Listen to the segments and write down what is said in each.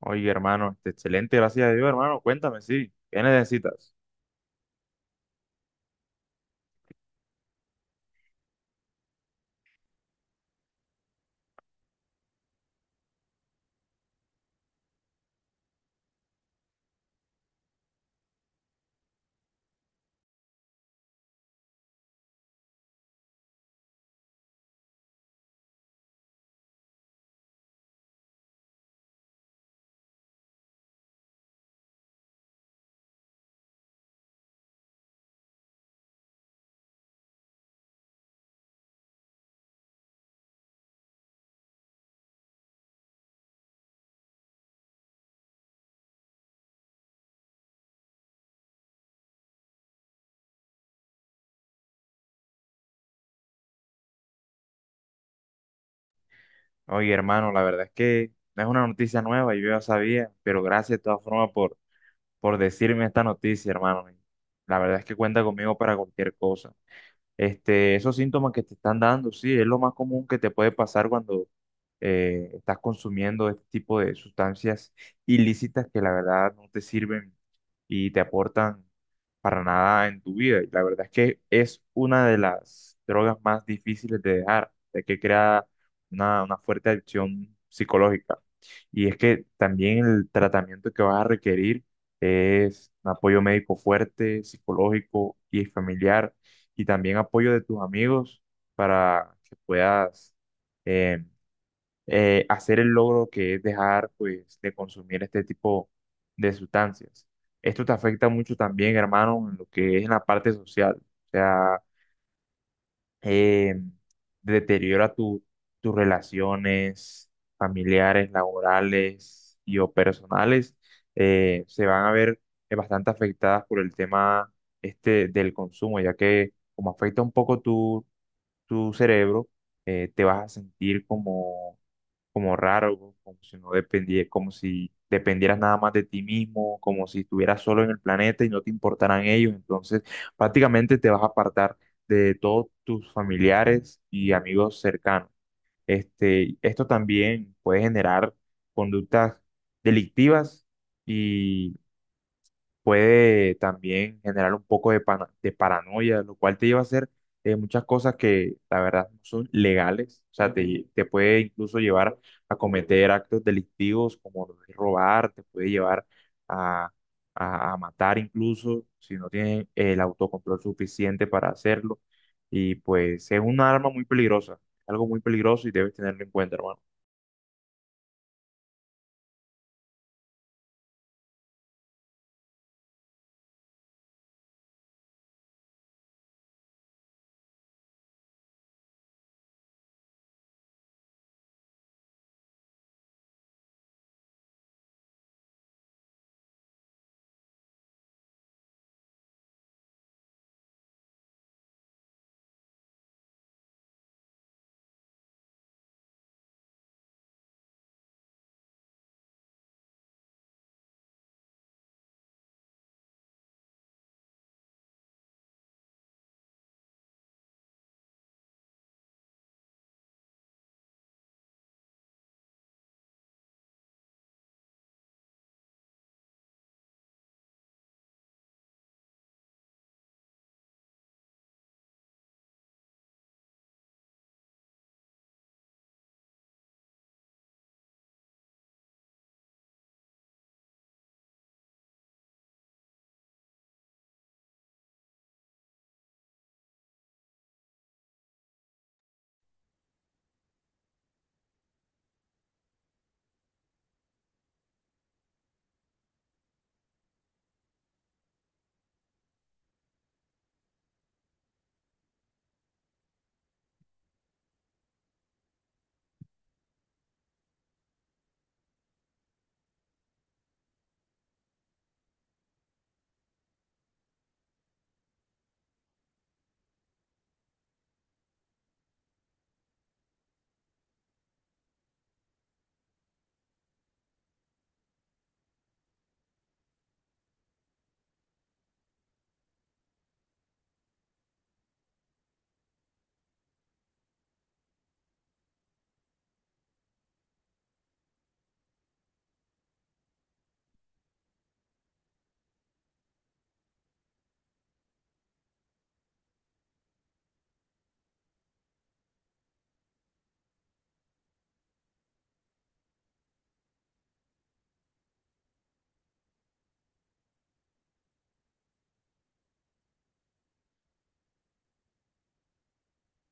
Oye, hermano, este, excelente, gracias a Dios, hermano. Cuéntame, sí, ¿qué necesitas? Oye, hermano, la verdad es que no es una noticia nueva, yo ya sabía, pero gracias de todas formas por decirme esta noticia, hermano. La verdad es que cuenta conmigo para cualquier cosa. Este, esos síntomas que te están dando, sí, es lo más común que te puede pasar cuando estás consumiendo este tipo de sustancias ilícitas que la verdad no te sirven y te aportan para nada en tu vida. Y la verdad es que es una de las drogas más difíciles de dejar, de que crea una fuerte adicción psicológica. Y es que también el tratamiento que vas a requerir es un apoyo médico fuerte, psicológico y familiar y también apoyo de tus amigos para que puedas eh, hacer el logro que es dejar pues de consumir este tipo de sustancias. Esto te afecta mucho también, hermano, en lo que es en la parte social. O sea, eh, deteriora tus relaciones familiares, laborales y o personales. Se van a ver bastante afectadas por el tema este del consumo, ya que como afecta un poco tu cerebro, te vas a sentir como raro, como si como si dependieras nada más de ti mismo, como si estuvieras solo en el planeta y no te importaran ellos. Entonces, prácticamente te vas a apartar de todos tus familiares y amigos cercanos. Este, esto también puede generar conductas delictivas y puede también generar un poco de paranoia, lo cual te lleva a hacer muchas cosas que la verdad no son legales, o sea, te puede incluso llevar a cometer actos delictivos como lo de robar, te puede llevar a, a matar incluso si no tienes el autocontrol suficiente para hacerlo. Y pues es un arma muy peligrosa, algo muy peligroso y debes tenerlo en cuenta, hermano.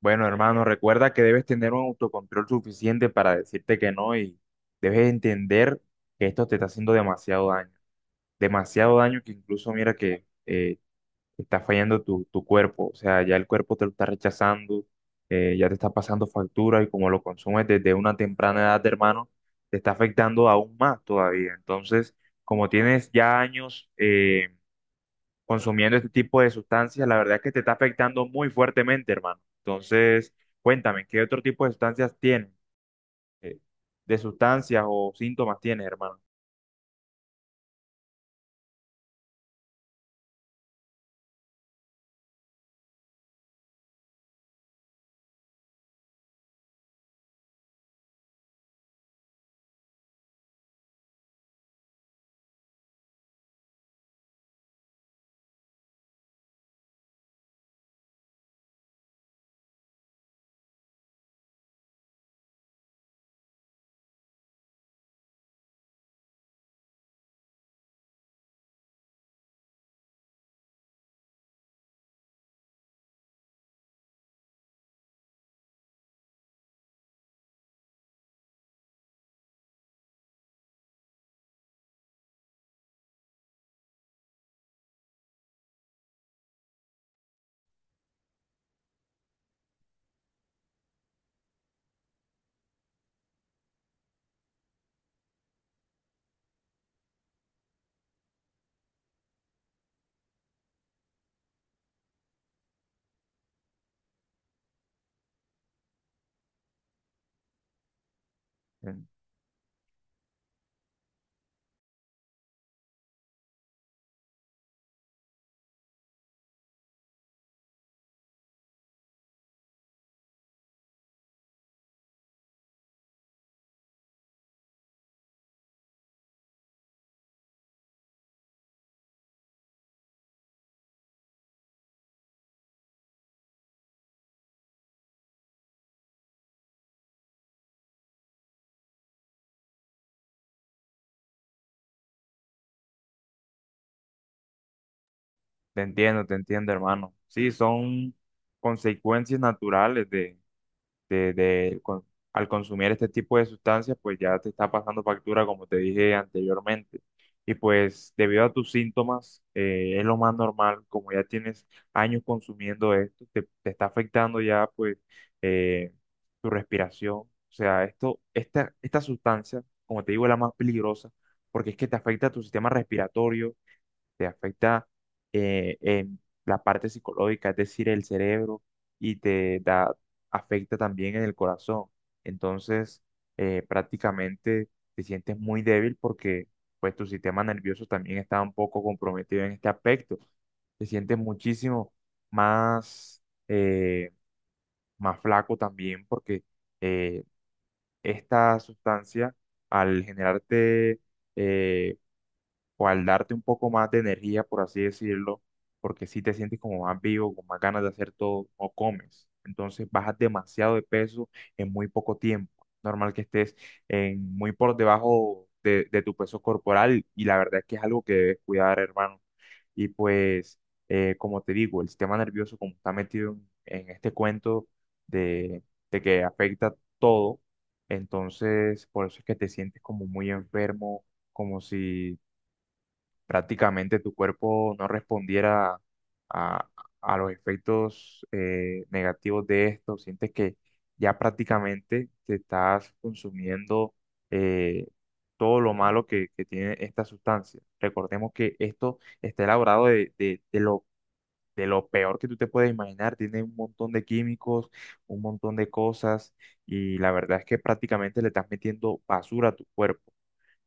Bueno, hermano, recuerda que debes tener un autocontrol suficiente para decirte que no y debes entender que esto te está haciendo demasiado daño. Demasiado daño que incluso mira que está fallando tu cuerpo. O sea, ya el cuerpo te lo está rechazando, ya te está pasando factura y como lo consumes desde una temprana edad, hermano, te está afectando aún más todavía. Entonces, como tienes ya años consumiendo este tipo de sustancias, la verdad es que te está afectando muy fuertemente, hermano. Entonces, cuéntame, ¿qué otro tipo de sustancias tienes? Eh, ¿De sustancias o síntomas tienes, hermano? En- te entiendo, hermano. Sí, son consecuencias naturales de al consumir este tipo de sustancias, pues ya te está pasando factura, como te dije anteriormente. Y pues debido a tus síntomas, es lo más normal, como ya tienes años consumiendo esto, te está afectando ya pues eh, tu respiración. O sea, esta sustancia, como te digo, es la más peligrosa porque es que te afecta a tu sistema respiratorio, te afecta en la parte psicológica, es decir, el cerebro, y afecta también en el corazón. Entonces, prácticamente te sientes muy débil porque pues tu sistema nervioso también está un poco comprometido en este aspecto. Te sientes muchísimo más, eh, más flaco también porque eh, esta sustancia al generarte... eh, o al darte un poco más de energía, por así decirlo, porque si te sientes como más vivo, con más ganas de hacer todo, o comes. Entonces bajas demasiado de peso en muy poco tiempo. Normal que estés en, muy por debajo de tu peso corporal y la verdad es que es algo que debes cuidar, hermano. Y pues, como te digo, el sistema nervioso, como está metido en este cuento de, que afecta todo, entonces por eso es que te sientes como muy enfermo, como si prácticamente tu cuerpo no respondiera a, a los efectos negativos de esto, sientes que ya prácticamente te estás consumiendo eh, todo lo malo que tiene esta sustancia. Recordemos que esto está elaborado de lo peor que tú te puedes imaginar, tiene un montón de químicos, un montón de cosas y la verdad es que prácticamente le estás metiendo basura a tu cuerpo.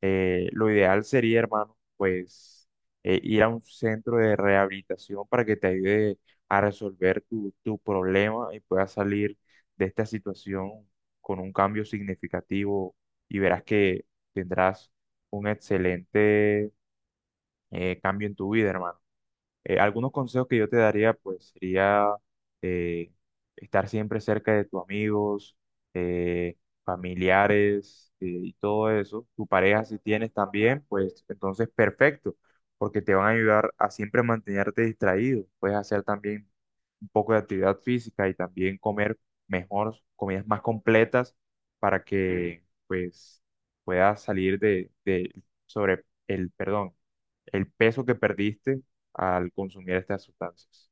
Eh, lo ideal sería, hermano, pues ir a un centro de rehabilitación para que te ayude a resolver tu problema y puedas salir de esta situación con un cambio significativo y verás que tendrás un excelente cambio en tu vida, hermano. Algunos consejos que yo te daría, pues, sería eh, estar siempre cerca de tus amigos, eh, familiares y todo eso. Tu pareja, si tienes también, pues, entonces perfecto, porque te van a ayudar a siempre mantenerte distraído. Puedes hacer también un poco de actividad física y también comer mejor, comidas más completas para que, pues, puedas salir de sobre el, perdón, el peso que perdiste al consumir estas sustancias.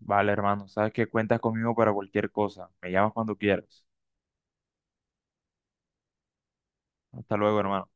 Vale, hermano, sabes que cuentas conmigo para cualquier cosa. Me llamas cuando quieras. Hasta luego, hermano.